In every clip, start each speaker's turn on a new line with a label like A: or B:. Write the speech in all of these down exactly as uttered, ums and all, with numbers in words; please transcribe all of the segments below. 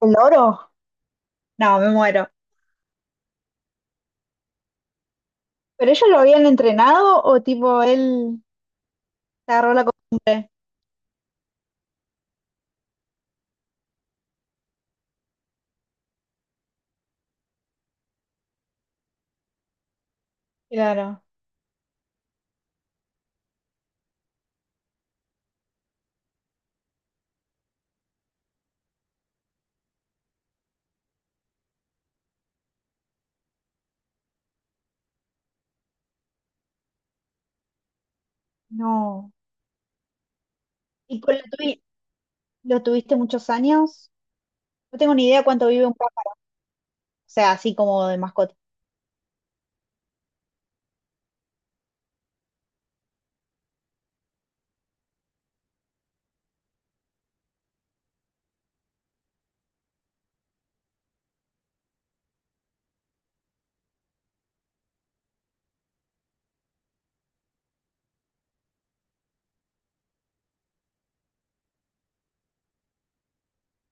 A: ¿El oro? No, me muero. ¿Pero ellos lo habían entrenado o tipo él se agarró la costumbre? Claro, no. ¿Y con lo, tuvi- lo tuviste muchos años? No tengo ni idea cuánto vive un pájaro, o sea, así como de mascota.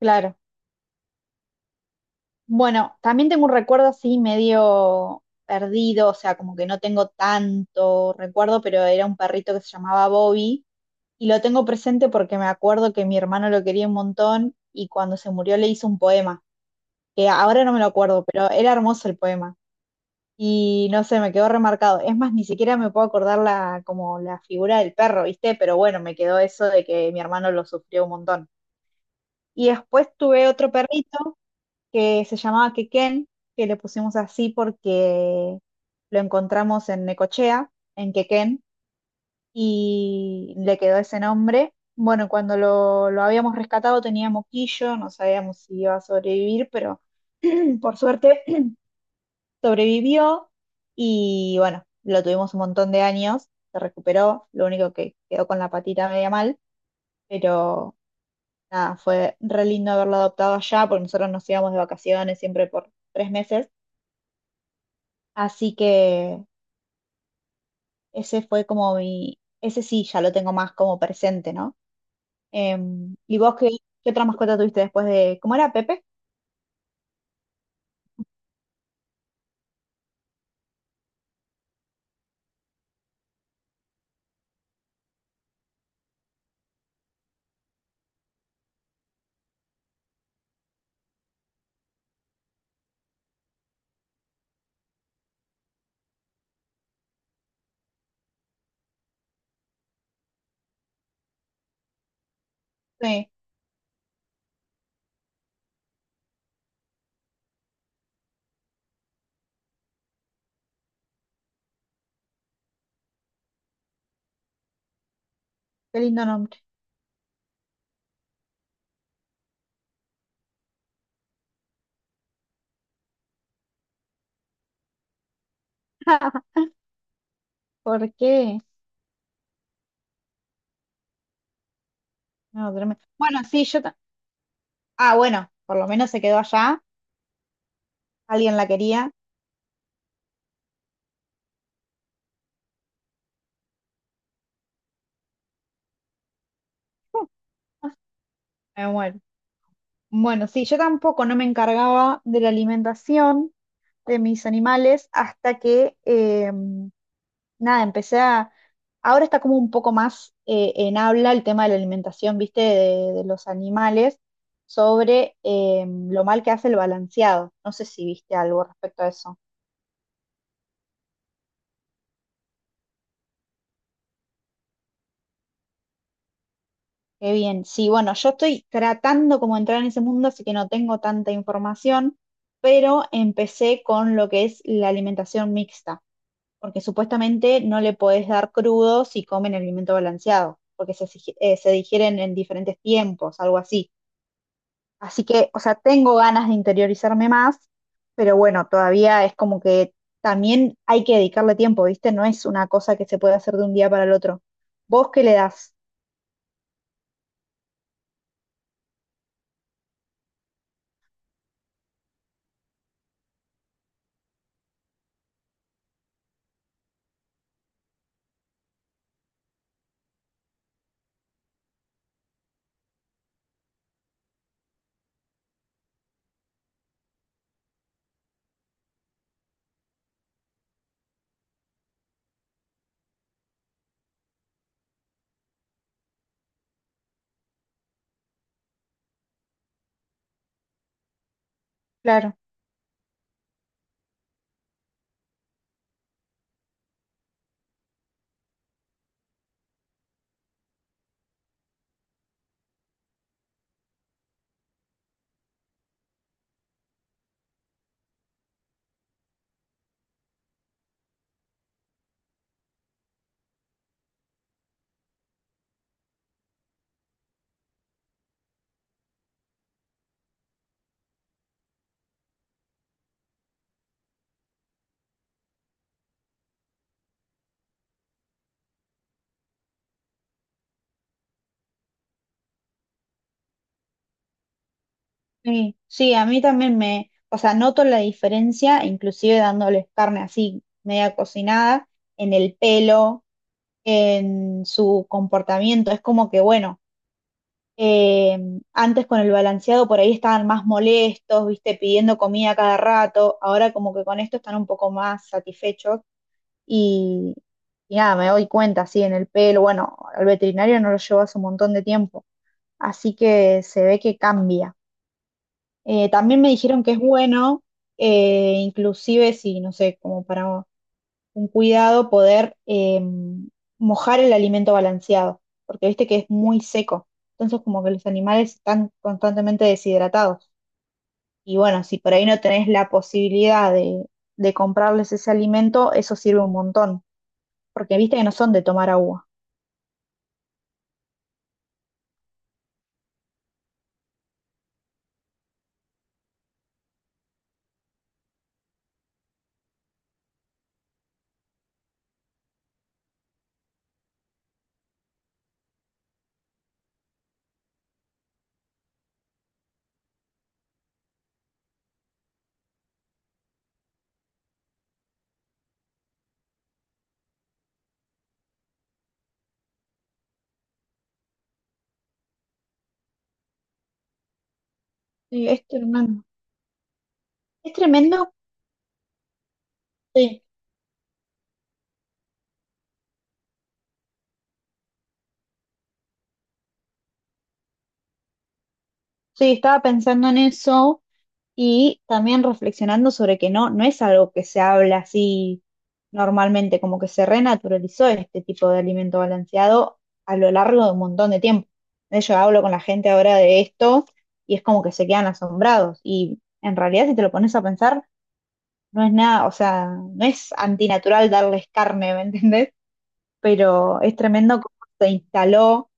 A: Claro. Bueno, también tengo un recuerdo así medio perdido, o sea, como que no tengo tanto recuerdo, pero era un perrito que se llamaba Bobby y lo tengo presente porque me acuerdo que mi hermano lo quería un montón y cuando se murió le hizo un poema, que ahora no me lo acuerdo, pero era hermoso el poema. Y no sé, me quedó remarcado. Es más, ni siquiera me puedo acordar la, como la figura del perro, ¿viste? Pero bueno, me quedó eso de que mi hermano lo sufrió un montón. Y después tuve otro perrito que se llamaba Quequén, que le pusimos así porque lo encontramos en Necochea, en Quequén, y le quedó ese nombre. Bueno, cuando lo, lo habíamos rescatado tenía moquillo, no sabíamos si iba a sobrevivir, pero por suerte sobrevivió y bueno, lo tuvimos un montón de años, se recuperó, lo único que quedó con la patita media mal, pero nada, fue re lindo haberlo adoptado allá, porque nosotros nos íbamos de vacaciones siempre por tres meses, así que ese fue como mi, ese sí, ya lo tengo más como presente, ¿no? Em, ¿y vos qué, qué otra mascota tuviste después de, ¿cómo era Pepe? Sí, qué lindo nombre. ¿Por qué? No, tremendo. Bueno, sí, yo... ta- Ah, bueno, por lo menos se quedó allá, alguien la quería. Me muero. Bueno, sí, yo tampoco no me encargaba de la alimentación de mis animales hasta que, eh, nada, empecé a... Ahora está como un poco más eh, en habla el tema de la alimentación, viste, de, de los animales, sobre eh, lo mal que hace el balanceado. No sé si viste algo respecto a eso. Qué bien. Sí, bueno, yo estoy tratando como de entrar en ese mundo, así que no tengo tanta información, pero empecé con lo que es la alimentación mixta, porque supuestamente no le podés dar crudo si comen el alimento balanceado, porque se, sig- eh, se digieren en diferentes tiempos, algo así. Así que, o sea, tengo ganas de interiorizarme más, pero bueno, todavía es como que también hay que dedicarle tiempo, ¿viste? No es una cosa que se puede hacer de un día para el otro. ¿Vos qué le das? Claro. Sí, sí, a mí también me, o sea, noto la diferencia, inclusive dándoles carne así, media cocinada, en el pelo, en su comportamiento. Es como que, bueno, eh, antes con el balanceado por ahí estaban más molestos, viste, pidiendo comida cada rato, ahora como que con esto están un poco más satisfechos y, y nada, me doy cuenta, así en el pelo, bueno, al veterinario no lo llevo hace un montón de tiempo, así que se ve que cambia. Eh, también me dijeron que es bueno, eh, inclusive si, no sé, como para un cuidado poder eh, mojar el alimento balanceado, porque viste que es muy seco. Entonces, como que los animales están constantemente deshidratados. Y bueno, si por ahí no tenés la posibilidad de, de comprarles ese alimento, eso sirve un montón, porque viste que no son de tomar agua. Sí, es tremendo. Es tremendo. Sí, sí, estaba pensando en eso. Y también reflexionando sobre que no, no es algo que se habla así normalmente, como que se renaturalizó este tipo de alimento balanceado a lo largo de un montón de tiempo. Eh, Yo hablo con la gente ahora de esto y es como que se quedan asombrados. Y en realidad, si te lo pones a pensar, no es nada, o sea, no es antinatural darles carne, ¿me entendés? Pero es tremendo cómo se instaló,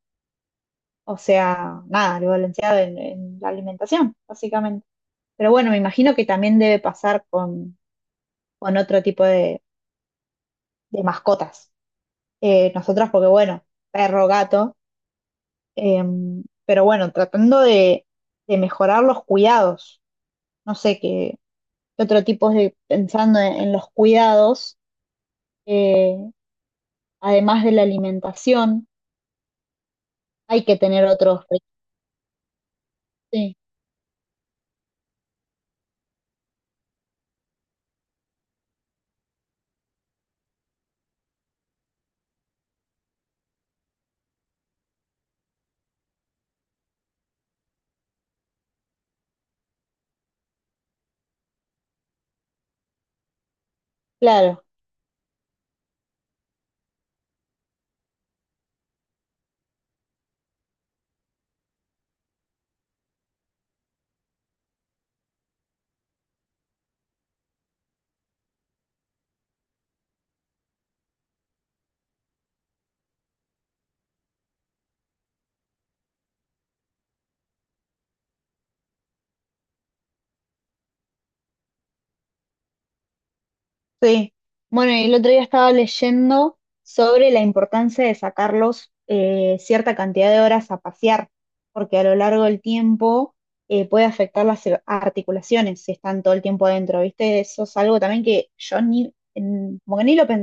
A: o sea, nada, el balanceado en en la alimentación, básicamente. Pero bueno, me imagino que también debe pasar con, con otro tipo de, de mascotas. Eh, nosotras, porque bueno, perro, gato, eh, pero bueno, tratando de, de mejorar los cuidados. No sé qué, qué otro tipo de, pensando en, en los cuidados, eh, además de la alimentación, hay que tener otros. Sí, claro. Sí, bueno, y el otro día estaba leyendo sobre la importancia de sacarlos eh, cierta cantidad de horas a pasear, porque a lo largo del tiempo eh, puede afectar las ar- articulaciones si están todo el tiempo adentro, ¿viste? Eso es algo también que yo ni, en- como que ni lo pensé.